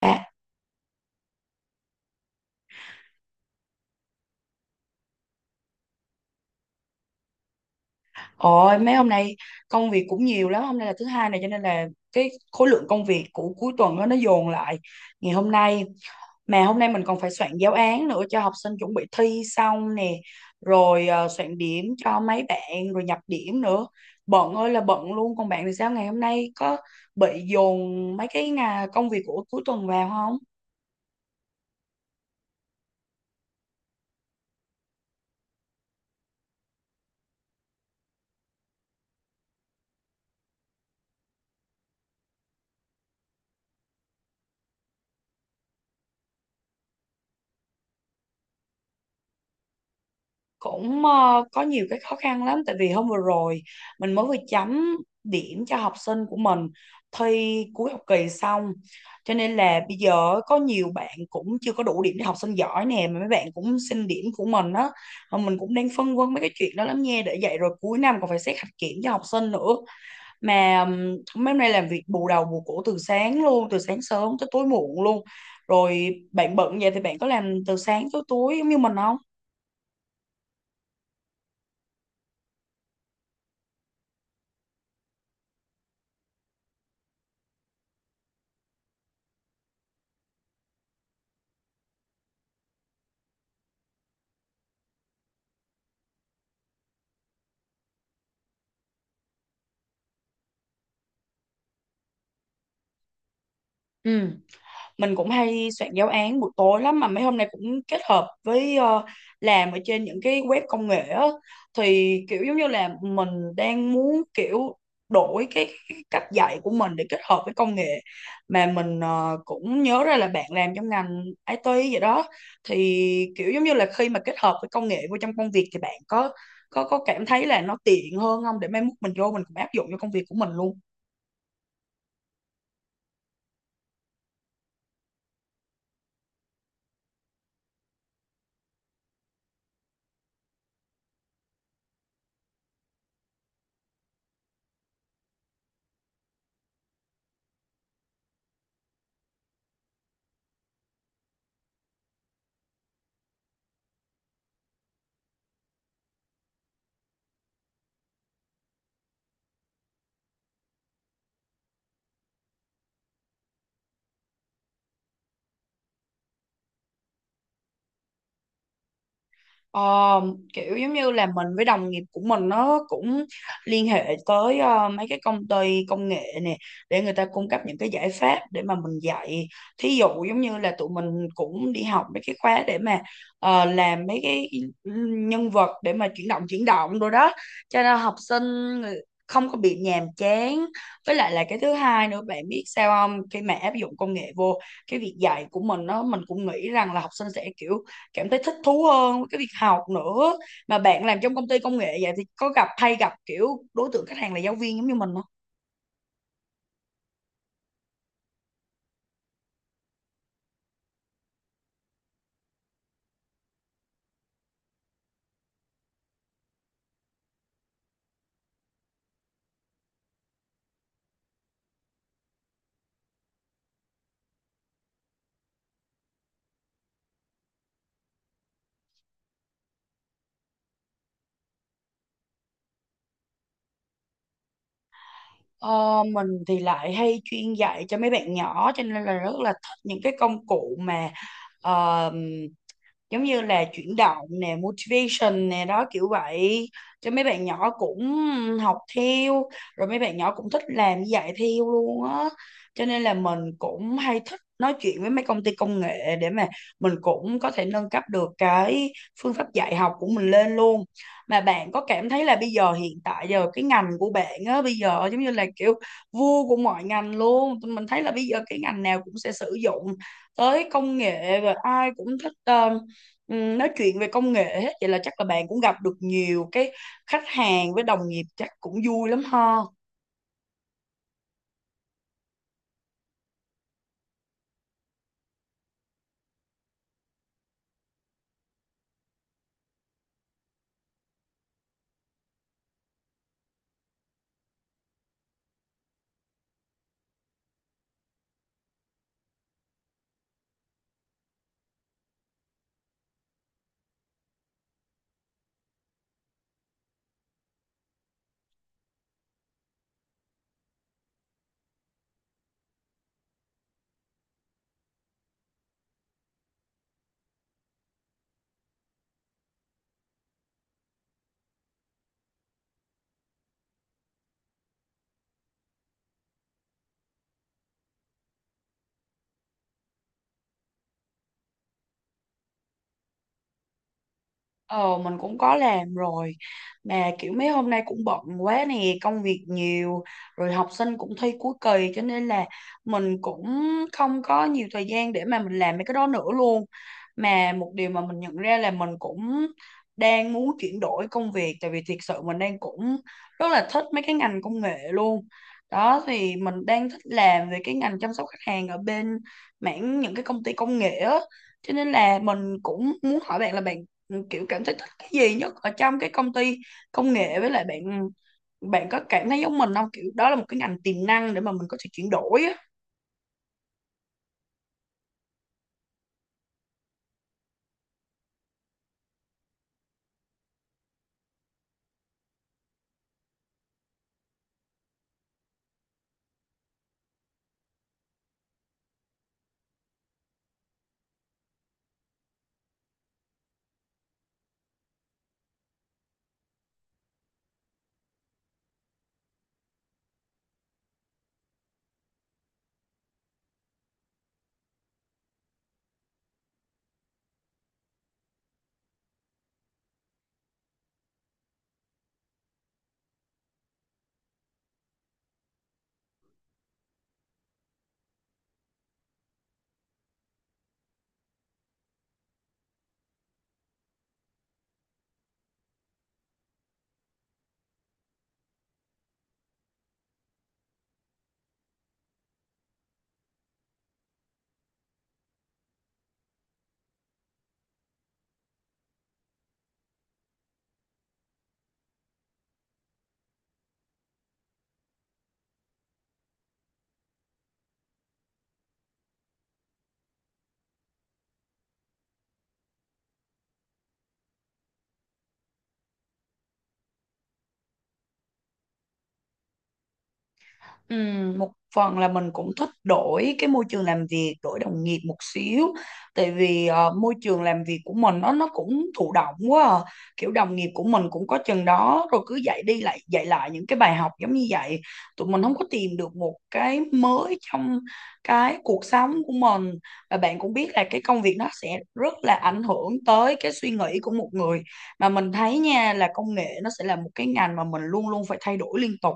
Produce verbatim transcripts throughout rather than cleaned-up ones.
À, ôi mấy hôm nay công việc cũng nhiều lắm. Hôm nay là thứ hai này cho nên là cái khối lượng công việc của cuối tuần đó, nó dồn lại ngày hôm nay. Mà hôm nay mình còn phải soạn giáo án nữa cho học sinh chuẩn bị thi xong nè, rồi ờ, soạn điểm cho mấy bạn rồi nhập điểm nữa. Bận ơi là bận luôn. Còn bạn thì sao, ngày hôm nay có bị dồn mấy cái ngà- công việc của cuối tuần vào không? Cũng ờ, có nhiều cái khó khăn lắm. Tại vì hôm vừa rồi mình mới vừa chấm điểm cho học sinh của mình thi cuối học kỳ xong, cho nên là bây giờ có nhiều bạn cũng chưa có đủ điểm để học sinh giỏi nè, mà mấy bạn cũng xin điểm của mình á. Mà mình cũng đang phân vân mấy cái chuyện đó lắm nha. Để vậy rồi cuối năm còn phải xét hạnh kiểm cho học sinh nữa. Mà ừm, mấy hôm nay làm việc bù đầu bù cổ từ sáng luôn, từ sáng sớm tới tối muộn luôn. Rồi bạn bận vậy thì bạn có làm từ sáng tới tối giống như mình không? Ừ, mình cũng hay soạn giáo án buổi tối lắm. Mà mấy hôm nay cũng kết hợp với ờ, làm ở trên những cái web công nghệ á, thì kiểu giống như là mình đang muốn kiểu đổi cái, cái cách dạy của mình để kết hợp với công nghệ. Mà mình ờ, cũng nhớ ra là bạn làm trong ngành I T vậy đó. Thì kiểu giống như là khi mà kết hợp với công nghệ vô trong công việc thì bạn có có có cảm thấy là nó tiện hơn không, để mai mốt mình vô mình cũng áp dụng cho công việc của mình luôn? Ờ, kiểu giống như là mình với đồng nghiệp của mình nó cũng liên hệ tới ờ, mấy cái công ty công nghệ nè, để người ta cung cấp những cái giải pháp để mà mình dạy. Thí dụ giống như là tụi mình cũng đi học mấy cái khóa để mà ờ, làm mấy cái ừ, nhân vật để mà chuyển động chuyển động rồi đó, cho nên học sinh người- không có bị nhàm chán. Với lại là cái thứ hai nữa, bạn biết sao không, khi mà áp dụng công nghệ vô cái việc dạy của mình nó, mình cũng nghĩ rằng là học sinh sẽ kiểu cảm thấy thích thú hơn với cái việc học nữa. Mà bạn làm trong công ty công nghệ vậy thì có gặp hay gặp kiểu đối tượng khách hàng là giáo viên giống như mình không? Ờ, mình thì lại hay chuyên dạy cho mấy bạn nhỏ, cho nên là rất là thích những cái công cụ mà ờ, giống như là chuyển động nè, motivation nè đó, kiểu vậy. Cho mấy bạn nhỏ cũng học theo, rồi mấy bạn nhỏ cũng thích làm như vậy theo luôn á. Cho nên là mình cũng hay thích nói chuyện với mấy công ty công nghệ để mà mình cũng có thể nâng cấp được cái phương pháp dạy học của mình lên luôn. Mà bạn có cảm thấy là bây giờ hiện tại giờ cái ngành của bạn á, bây giờ giống như là kiểu vua của mọi ngành luôn. Tụi mình thấy là bây giờ cái ngành nào cũng sẽ sử dụng tới công nghệ, và ai cũng thích ờ, ừm, nói chuyện về công nghệ hết. Vậy là chắc là bạn cũng gặp được nhiều cái khách hàng, với đồng nghiệp chắc cũng vui lắm ha. Ờ, mình cũng có làm rồi. Mà kiểu mấy hôm nay cũng bận quá nè, công việc nhiều, rồi học sinh cũng thi cuối kỳ, cho nên là mình cũng không có nhiều thời gian để mà mình làm mấy cái đó nữa luôn. Mà một điều mà mình nhận ra là mình cũng đang muốn chuyển đổi công việc. Tại vì thiệt sự mình đang cũng rất là thích mấy cái ngành công nghệ luôn đó. Thì mình đang thích làm về cái ngành chăm sóc khách hàng ở bên mảng những cái công ty công nghệ á. Cho nên là mình cũng muốn hỏi bạn là bạn, ừ, kiểu cảm thấy thích cái gì nhất ở trong cái công ty công nghệ, với lại bạn bạn có cảm thấy giống mình không, kiểu đó là một cái ngành tiềm năng để mà mình có thể chuyển đổi á. Ừm, một phần là mình cũng thích đổi cái môi trường làm việc, đổi đồng nghiệp một xíu. Tại vì ờ, môi trường làm việc của mình nó nó cũng thụ động quá à. Kiểu đồng nghiệp của mình cũng có chừng đó rồi, cứ dạy đi lại dạy lại những cái bài học giống như vậy. Tụi mình không có tìm được một cái mới trong cái cuộc sống của mình. Và bạn cũng biết là cái công việc nó sẽ rất là ảnh hưởng tới cái suy nghĩ của một người. Mà mình thấy nha là công nghệ nó sẽ là một cái ngành mà mình luôn luôn phải thay đổi liên tục,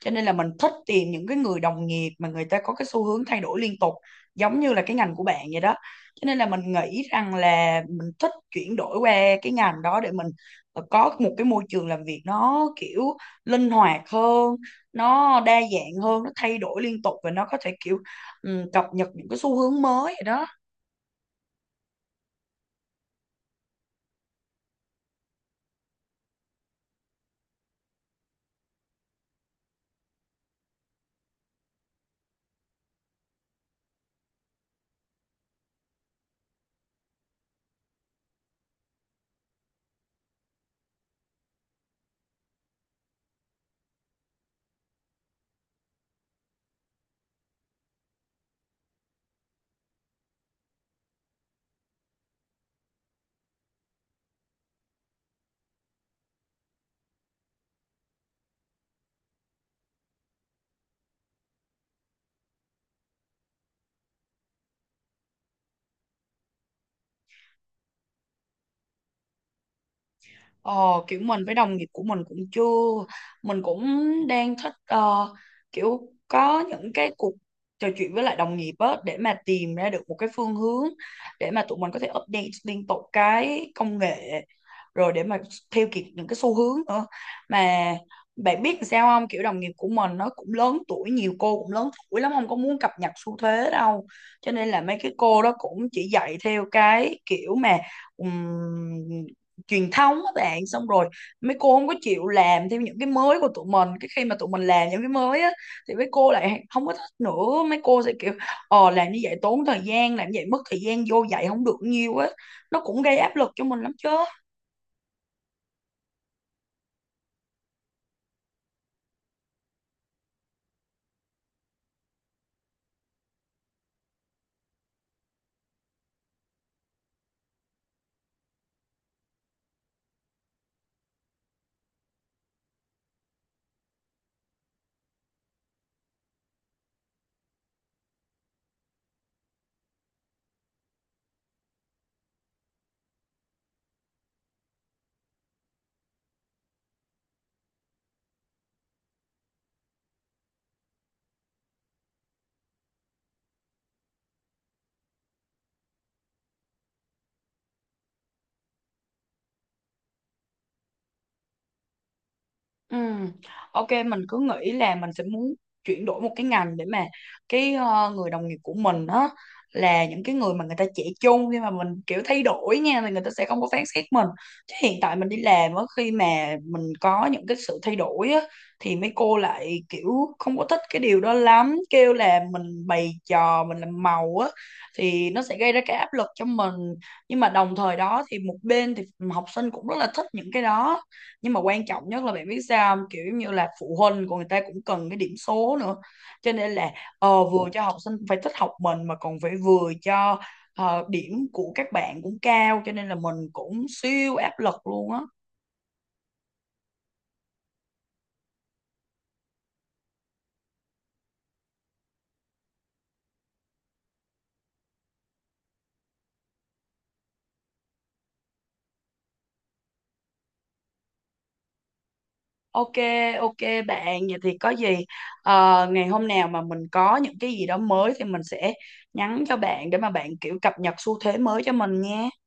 cho nên là mình thích tìm những cái người đồng nghiệp mà người ta có cái xu hướng thay đổi liên tục giống như là cái ngành của bạn vậy đó. Cho nên là mình nghĩ rằng là mình thích chuyển đổi qua cái ngành đó để mình ờ, có một cái môi trường làm việc nó kiểu linh hoạt hơn, nó đa dạng hơn, nó thay đổi liên tục, và nó có thể kiểu ừ, cập nhật những cái xu hướng mới vậy đó. Ờ, kiểu mình với đồng nghiệp của mình cũng chưa. Mình cũng đang thích ờ, kiểu có những cái cuộc trò chuyện với lại đồng nghiệp á, để mà tìm ra được một cái phương hướng để mà tụi mình có thể update liên tục cái công nghệ, rồi để mà theo kịp những cái xu hướng nữa. Mà bạn biết làm sao không, kiểu đồng nghiệp của mình nó cũng lớn tuổi, nhiều cô cũng lớn tuổi lắm, không có muốn cập nhật xu thế đâu. Cho nên là mấy cái cô đó cũng chỉ dạy theo cái kiểu mà ừm, truyền thống các bạn. Xong rồi mấy cô không có chịu làm theo những cái mới của tụi mình. Cái khi mà tụi mình làm những cái mới á thì mấy cô lại không có thích nữa, mấy cô sẽ kiểu ờ, làm như vậy tốn thời gian, làm như vậy mất thời gian vô dạy không được nhiều á. Nó cũng gây áp lực cho mình lắm chứ. Ừ. Ok, mình cứ nghĩ là mình sẽ muốn chuyển đổi một cái ngành, để mà cái ờ, người đồng nghiệp của mình đó là những cái người mà người ta trẻ chung, khi mà mình kiểu thay đổi nha thì người ta sẽ không có phán xét mình. Chứ hiện tại mình đi làm á, khi mà mình có những cái sự thay đổi á thì mấy cô lại kiểu không có thích cái điều đó lắm, kêu là mình bày trò, mình làm màu á, thì nó sẽ gây ra cái áp lực cho mình. Nhưng mà đồng thời đó thì một bên thì học sinh cũng rất là thích những cái đó, nhưng mà quan trọng nhất là bạn biết sao không, kiểu như là phụ huynh của người ta cũng cần cái điểm số nữa. Cho nên là ờ, vừa cho học sinh phải thích học mình, mà còn phải vừa cho ờ, điểm của các bạn cũng cao, cho nên là mình cũng siêu áp lực luôn á. Ok. Ok bạn, vậy thì có gì ờ, ngày hôm nào mà mình có những cái gì đó mới thì mình sẽ nhắn cho bạn, để mà bạn kiểu cập nhật xu thế mới cho mình nha.